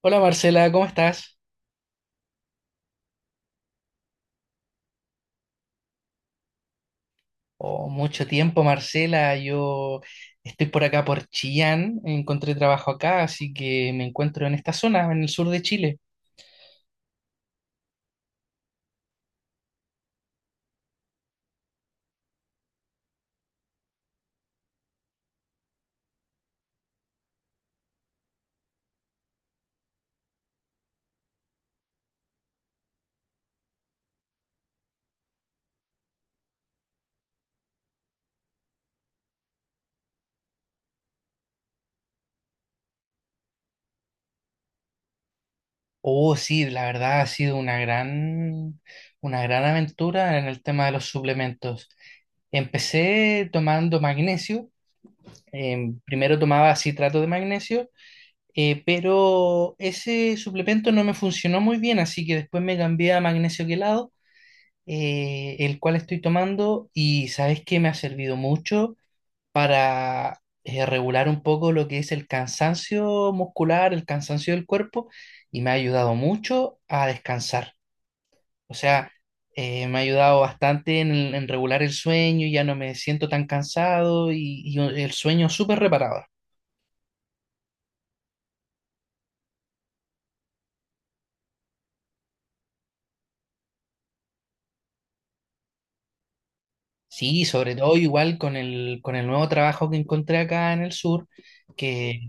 Hola, Marcela, ¿cómo estás? Oh, mucho tiempo, Marcela. Yo estoy por acá por Chillán, encontré trabajo acá, así que me encuentro en esta zona, en el sur de Chile. Oh, sí, la verdad ha sido una gran aventura en el tema de los suplementos. Empecé tomando magnesio. Primero tomaba citrato de magnesio, pero ese suplemento no me funcionó muy bien, así que después me cambié a magnesio quelado, el cual estoy tomando, y sabes que me ha servido mucho para, regular un poco lo que es el cansancio muscular, el cansancio del cuerpo, y me ha ayudado mucho a descansar. O sea, me ha ayudado bastante en regular el sueño. Ya no me siento tan cansado, y el sueño súper reparador. Sí, sobre todo igual con el nuevo trabajo que encontré acá en el sur, que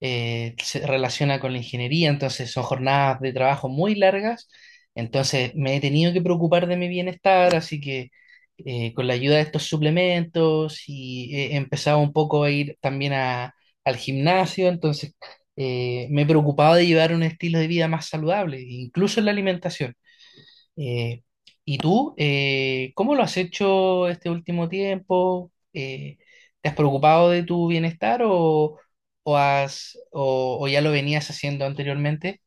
se relaciona con la ingeniería. Entonces son jornadas de trabajo muy largas, entonces me he tenido que preocupar de mi bienestar, así que con la ayuda de estos suplementos, y he empezado un poco a ir también a- al gimnasio. Entonces, me he preocupado de llevar un estilo de vida más saludable, incluso en la alimentación. Eh, ¿Y tú, cómo lo has hecho este último tiempo? ¿Te has preocupado de tu bienestar, o has, o ya lo venías haciendo anteriormente?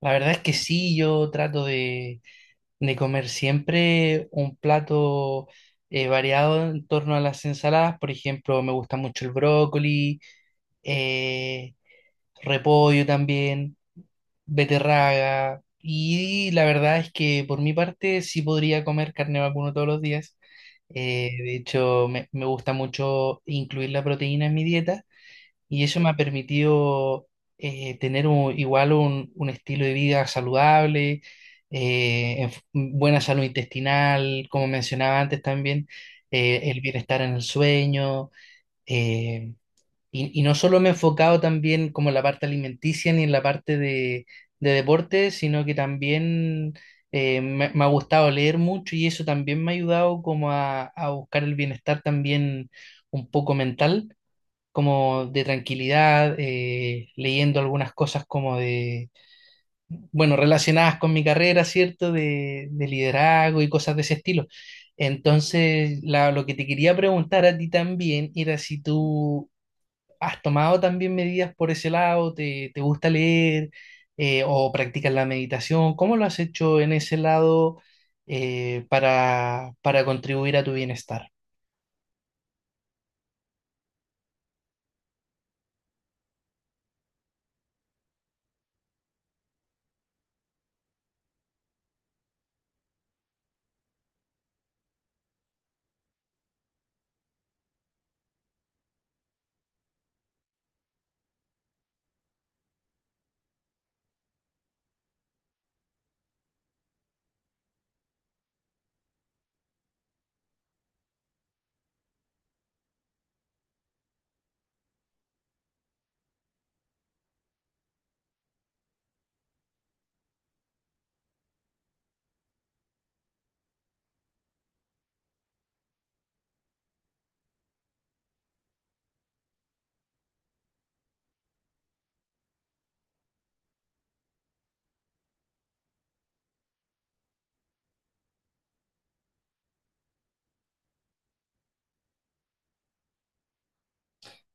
La verdad es que sí, yo trato de comer siempre un plato variado en torno a las ensaladas. Por ejemplo, me gusta mucho el brócoli, eh, repollo también, beterraga. Y la verdad es que por mi parte sí podría comer carne de vacuno todos los días. De hecho, me gusta mucho incluir la proteína en mi dieta, y eso me ha permitido tener un- igual un estilo de vida saludable, en f- buena salud intestinal, como mencionaba antes también, el bienestar en el sueño. eh, y, y no solo me he enfocado también como en la parte alimenticia ni en la parte de deporte, sino que también me, me ha gustado leer mucho, y eso también me ha ayudado como a buscar el bienestar también un poco mental, como de tranquilidad, leyendo algunas cosas como de, bueno, relacionadas con mi carrera, ¿cierto? De liderazgo y cosas de ese estilo. Entonces, la- lo que te quería preguntar a ti también era si tú ¿has tomado también medidas por ese lado? ¿Te, te gusta leer, o practicas la meditación? ¿Cómo lo has hecho en ese lado, para contribuir a tu bienestar?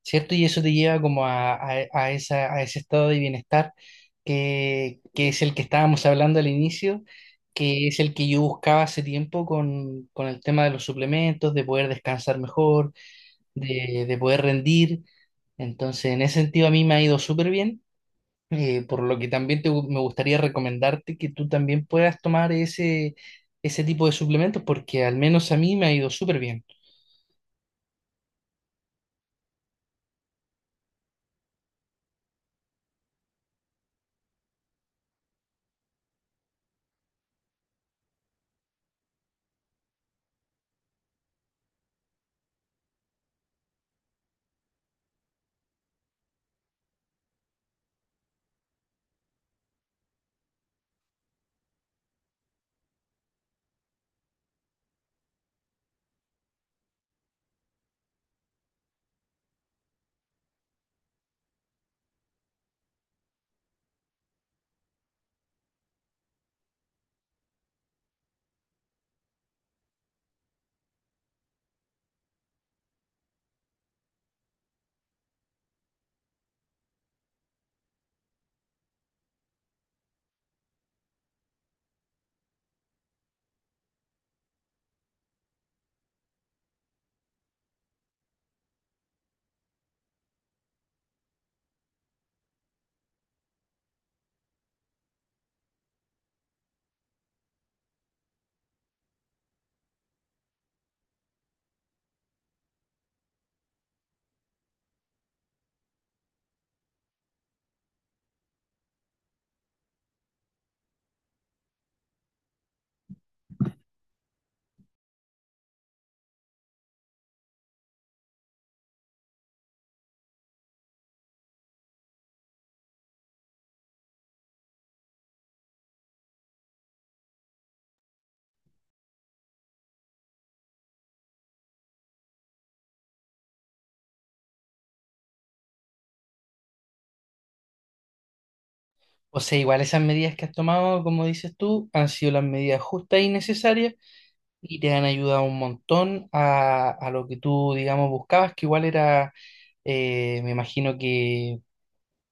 ¿Cierto? Y eso te lleva como a esa, a ese estado de bienestar que es el que estábamos hablando al inicio, que es el que yo buscaba hace tiempo con el tema de los suplementos, de poder descansar mejor, de poder rendir. Entonces, en ese sentido a mí me ha ido súper bien. Por lo que también te gu- me gustaría recomendarte que tú también puedas tomar ese, ese tipo de suplementos, porque al menos a mí me ha ido súper bien. O sea, igual esas medidas que has tomado, como dices tú, han sido las medidas justas y necesarias, y te han ayudado un montón a lo que tú, digamos, buscabas, que igual era, me imagino que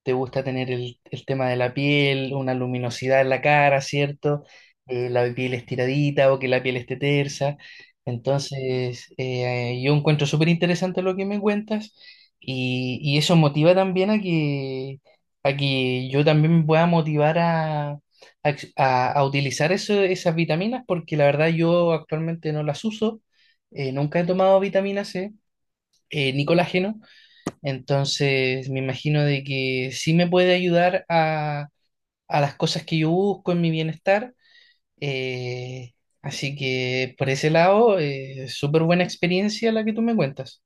te gusta tener el tema de la piel, una luminosidad en la cara, ¿cierto? La piel estiradita, o que la piel esté tersa. Entonces, yo encuentro súper interesante lo que me cuentas, y eso motiva también a que yo también me pueda motivar a ex- a utilizar eso- esas vitaminas, porque la verdad yo actualmente no las uso. Nunca he tomado vitamina C, ni colágeno. Entonces, me imagino de que sí me puede ayudar a las cosas que yo busco en mi bienestar. eh, Así que por ese lado, súper buena experiencia la que tú me cuentas.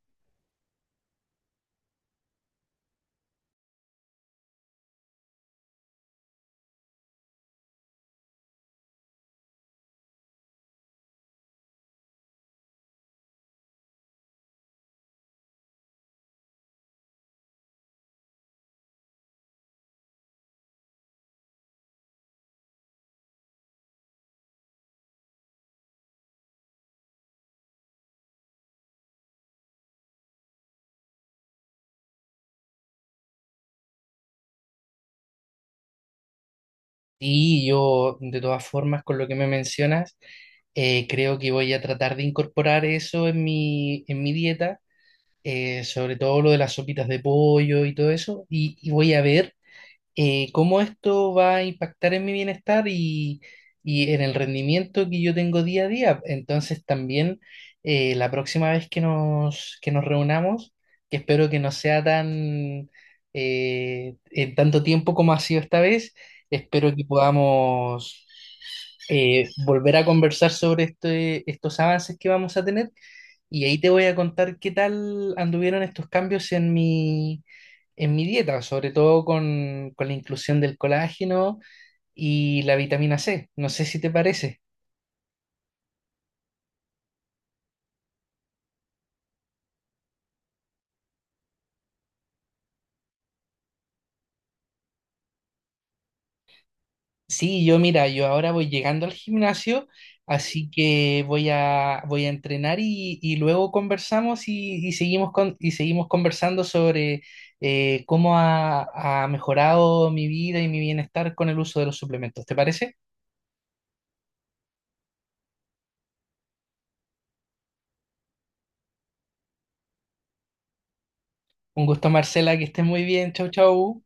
Y yo, de todas formas, con lo que me mencionas, creo que voy a tratar de incorporar eso en mi dieta, sobre todo lo de las sopitas de pollo y todo eso. Y, y voy a ver cómo esto va a impactar en mi bienestar, y en el rendimiento que yo tengo día a día. Entonces también la próxima vez que nos reunamos, que espero que no sea tan en tanto tiempo como ha sido esta vez, espero que podamos volver a conversar sobre este- estos avances que vamos a tener, y ahí te voy a contar qué tal anduvieron estos cambios en mi dieta, sobre todo con la inclusión del colágeno y la vitamina C. No sé si te parece. Sí, yo mira, yo ahora voy llegando al gimnasio, así que voy a, voy a entrenar, y luego conversamos, y seguimos con, y seguimos conversando sobre cómo ha, ha mejorado mi vida y mi bienestar con el uso de los suplementos. ¿Te parece? Un gusto, Marcela, que estés muy bien. Chau, chau.